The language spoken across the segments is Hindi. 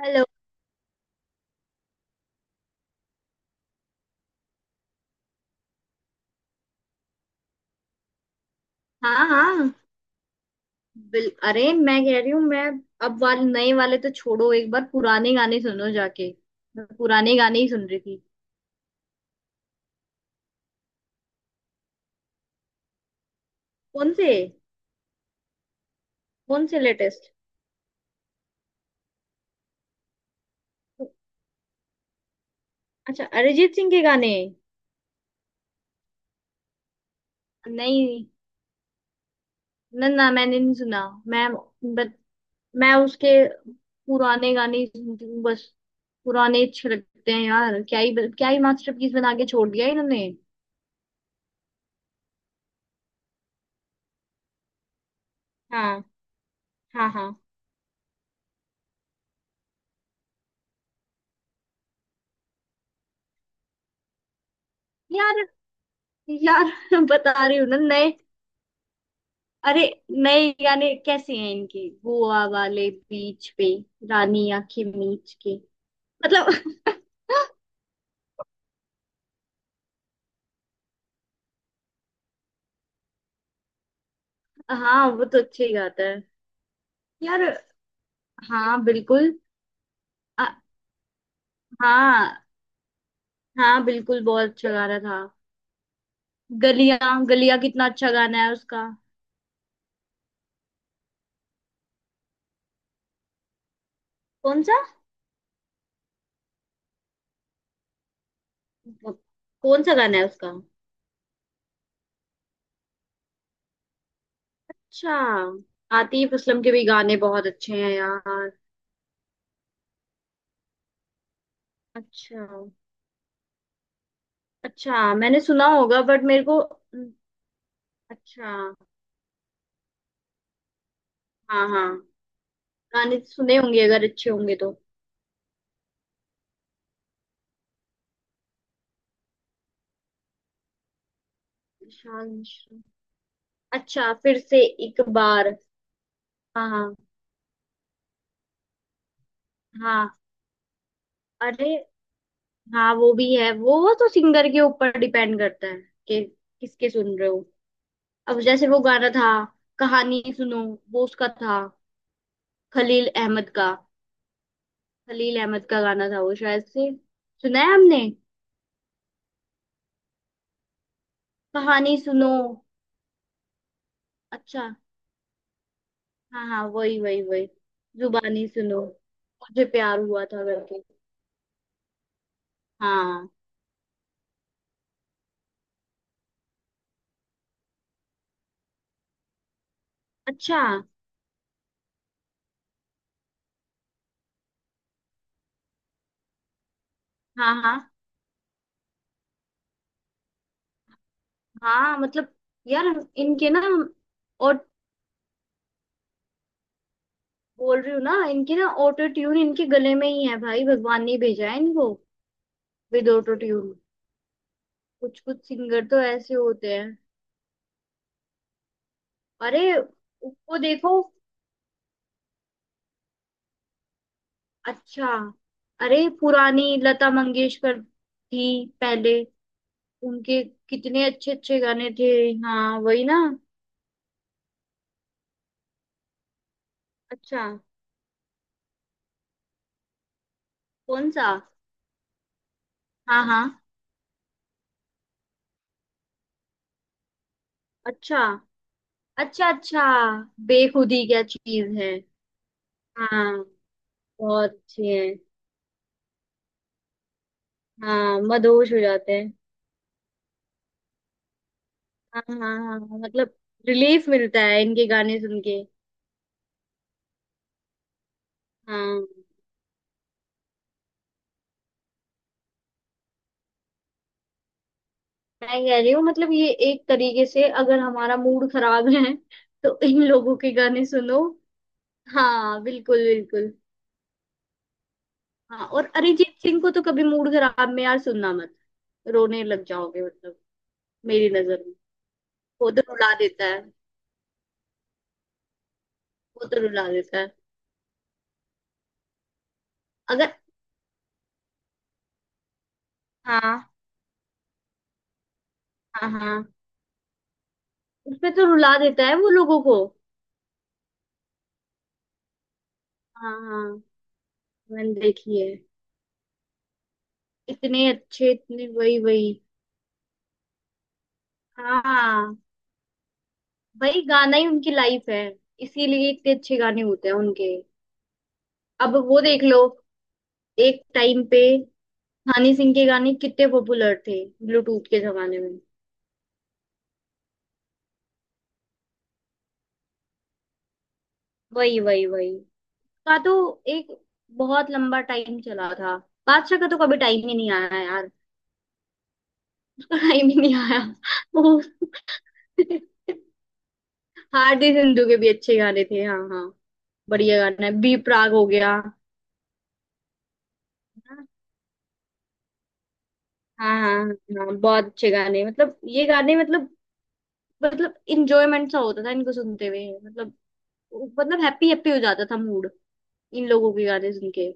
हेलो। हाँ हाँ बिल। अरे मैं कह रही हूँ। मैं अब वाले नए वाले तो छोड़ो, एक बार पुराने गाने सुनो जाके। मैं पुराने गाने ही सुन रही थी। कौन से? कौन से लेटेस्ट? अच्छा, अरिजीत सिंह के गाने। नहीं, ना ना, मैंने नहीं सुना। मैं बट मैं उसके पुराने गाने ही सुनती हूँ बस। पुराने अच्छे लगते हैं यार। क्या ही मास्टरपीस बना के छोड़ दिया इन्होंने। हाँ हाँ। हाँ यार यार बता रही हूँ ना नए। अरे, नए गाने कैसे हैं इनके? गोवा वाले बीच पे, रानी आंखें मीच के। मतलब हाँ वो तो अच्छे ही गाता है यार। हाँ बिल्कुल। अ, हाँ हाँ बिल्कुल, बहुत अच्छा गा रहा था। गलियां गलियां कितना अच्छा गाना है उसका। कौन सा? कौन सा गाना है उसका? अच्छा, आतिफ असलम के भी गाने बहुत अच्छे हैं यार। अच्छा। अच्छा, मैंने सुना होगा बट मेरे को। अच्छा, हाँ हाँ, गाने तो सुने होंगे, अगर अच्छे होंगे तो। विशाल मिश्रा। अच्छा, फिर से एक बार। हाँ हाँ। हाँ अरे, हाँ वो भी है, वो तो सिंगर के ऊपर डिपेंड करता है कि किसके सुन रहे हो। अब जैसे वो गाना था, कहानी सुनो, वो उसका था, खलील अहमद का। खलील अहमद का गाना था वो शायद से। सुना है हमने। कहानी सुनो। अच्छा। हाँ हाँ, वही वही वही। जुबानी सुनो, मुझे प्यार हुआ था करके। हाँ। अच्छा। हाँ हाँ हाँ, मतलब यार इनके ना। और बोल रही हूँ ना, इनके ना ऑटो ट्यून इनके गले में ही है भाई, भगवान ने भेजा है इनको। With auto tune. कुछ कुछ सिंगर तो ऐसे होते हैं। अरे उसको देखो। अच्छा। अरे पुरानी लता मंगेशकर थी पहले। उनके कितने अच्छे अच्छे गाने थे। हाँ वही ना। अच्छा। कौन सा? हाँ हाँ। अच्छा अच्छा अच्छा। बेखुदी क्या चीज है। हाँ, बहुत अच्छी है। हाँ, मदहोश हो जाते हैं। हाँ हाँ हाँ हाँ, हाँ, मतलब रिलीफ मिलता है इनके गाने सुन के। हाँ मैं कह रही हूँ, मतलब ये एक तरीके से, अगर हमारा मूड खराब है तो इन लोगों के गाने सुनो। हाँ बिल्कुल बिल्कुल। हाँ, और अरिजीत सिंह को तो कभी मूड खराब में यार सुनना मत, रोने लग जाओगे मतलब। मेरी नजर में वो तो रुला देता है। वो तो रुला देता है। अगर। हाँ हाँ हाँ। उसमें तो रुला देता है वो लोगों को। हाँ हाँ, मैंने देखी है। इतने अच्छे इतने, वही वही। हाँ वही गाना ही उनकी लाइफ है, इसीलिए इतने अच्छे गाने होते हैं उनके। अब वो देख लो, एक टाइम पे हनी सिंह के गाने कितने पॉपुलर थे ब्लूटूथ के जमाने में। वही वही वही का तो एक बहुत लंबा टाइम चला था। बादशाह का तो कभी टाइम ही नहीं आया यार। उसका टाइम ही नहीं आया। वो हार्दिक सिंधू के भी अच्छे गाने थे, हाँ हाँ। बढ़िया गाना है, बी प्राक हो गया। हाँ हाँ। हाँ बहुत अच्छे गाने, मतलब ये गाने, मतलब इंजॉयमेंट सा होता था इनको सुनते हुए, मतलब हैप्पी हैप्पी हो जाता था मूड, इन लोगों के गाने सुन के।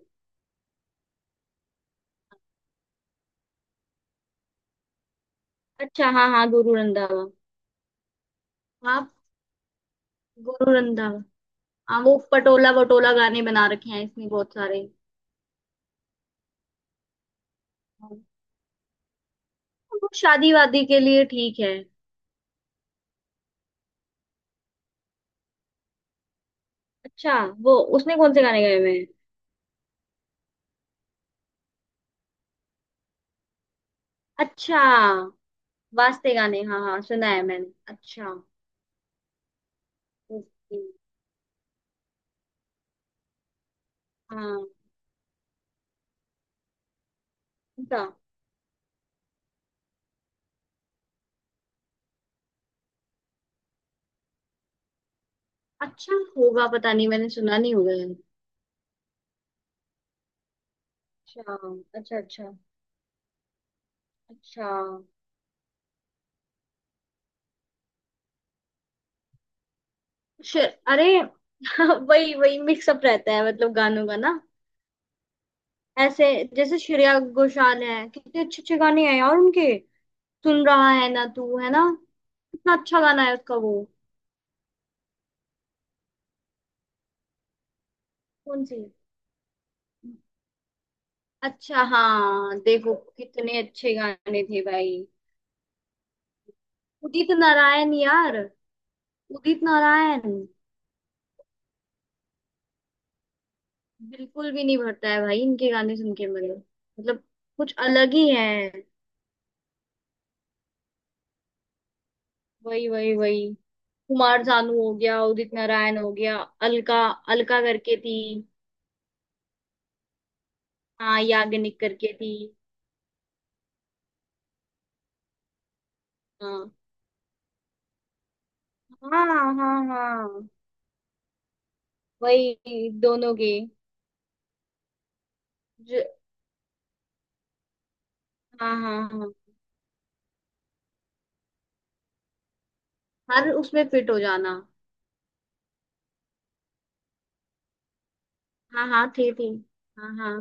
अच्छा, हाँ हाँ, गुरु रंधावा। हाँ गुरु रंधावा। हाँ, वो पटोला वटोला गाने बना रखे हैं इसमें बहुत सारे। हाँ, वो शादी वादी के लिए ठीक है। अच्छा, वो उसने कौन से गाने गाए हुए हैं? अच्छा, वास्ते गाने, हाँ हाँ सुना है मैंने। अच्छा, ओके। हाँ, अच्छा होगा, पता नहीं, मैंने सुना नहीं होगा यार। अच्छा अच्छा अच्छा। अच्छा, अरे वही वही मिक्सअप रहता है मतलब गानों का ना। ऐसे जैसे श्रेया घोषाल है, कितने अच्छे अच्छे गाने हैं यार उनके। सुन रहा है ना तू, है ना? कितना अच्छा गाना है उसका वो। कौन सी? अच्छा हाँ, देखो कितने अच्छे गाने थे भाई। उदित नारायण यार। उदित नारायण, बिल्कुल भी नहीं भरता है भाई इनके गाने सुन के मुझे, मतलब कुछ अलग ही है। वही वही वही। कुमार सानू हो गया, उदित नारायण हो गया, अलका अलका करके थी। हाँ याग्निक करके थी। हाँ हाँ हाँ। हाँ वही दोनों के। ज- हाँ हाँ हाँ, हर उसमें फिट हो जाना। हाँ हाँ थे थे। हाँ हाँ।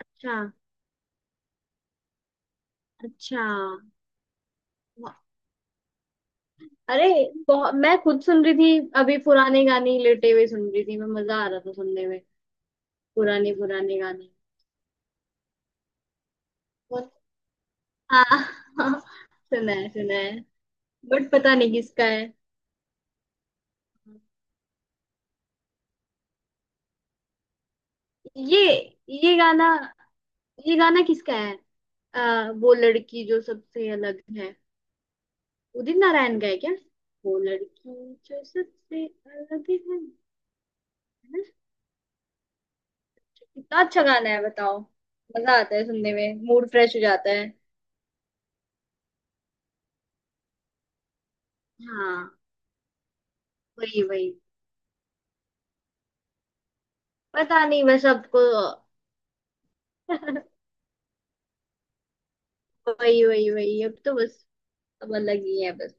अच्छा अच्छा। वाह। अरे, बहुत मैं खुद सुन रही थी, अभी पुराने गाने ही लेटे हुए सुन रही थी मैं, मजा आ रहा था सुनने में, पुराने पुराने गाने। कौन? हाँ हाँ, सुना है सुना है। बट पता नहीं किसका है। ये ये गाना, ये गाना किसका है? वो लड़की जो सबसे अलग है। उदित नारायण का है क्या? वो लड़की जो सबसे अलग है ना? कितना अच्छा गाना है बताओ, मजा आता है सुनने में, मूड फ्रेश हो जाता है। हाँ वही वही, पता नहीं बस सबको। वही वही वही, अब तो बस, अब अलग ही है बस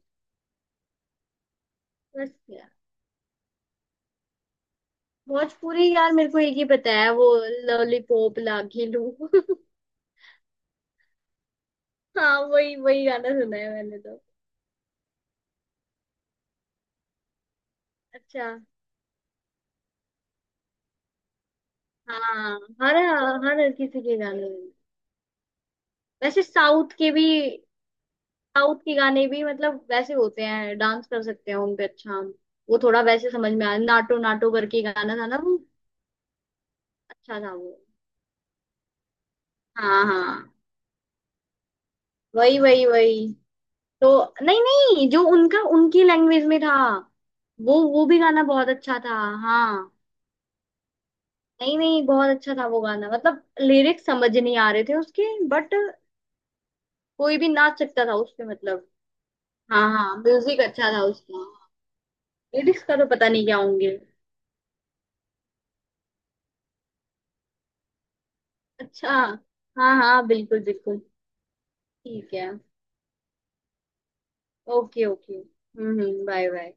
बस। भोजपुरी यार, मेरे को एक ही पता है वो, लॉलीपॉप लागी लू हाँ वही वही गाना सुना है मैंने तो। अच्छा। हाँ, हर हर किसी के गाने। वैसे साउथ के भी, साउथ के गाने भी मतलब वैसे होते हैं, डांस कर सकते हैं उन पे अच्छा हम। वो थोड़ा वैसे समझ में आया, नाटो नाटो करके गाना था ना वो, अच्छा था वो। हाँ हाँ वही वही वही। तो नहीं नहीं, जो उनका उनकी लैंग्वेज में था, वो भी गाना बहुत अच्छा था। हाँ, नहीं नहीं, बहुत अच्छा था वो गाना, मतलब लिरिक्स समझ नहीं आ रहे थे उसके, बट कोई भी नाच सकता था उसपे मतलब। हाँ हाँ, म्यूजिक अच्छा था उसका। लिरिक्स का तो पता नहीं क्या होंगे। अच्छा। हाँ हाँ बिल्कुल बिल्कुल। ठीक है। ओके ओके हम्म। Bye bye.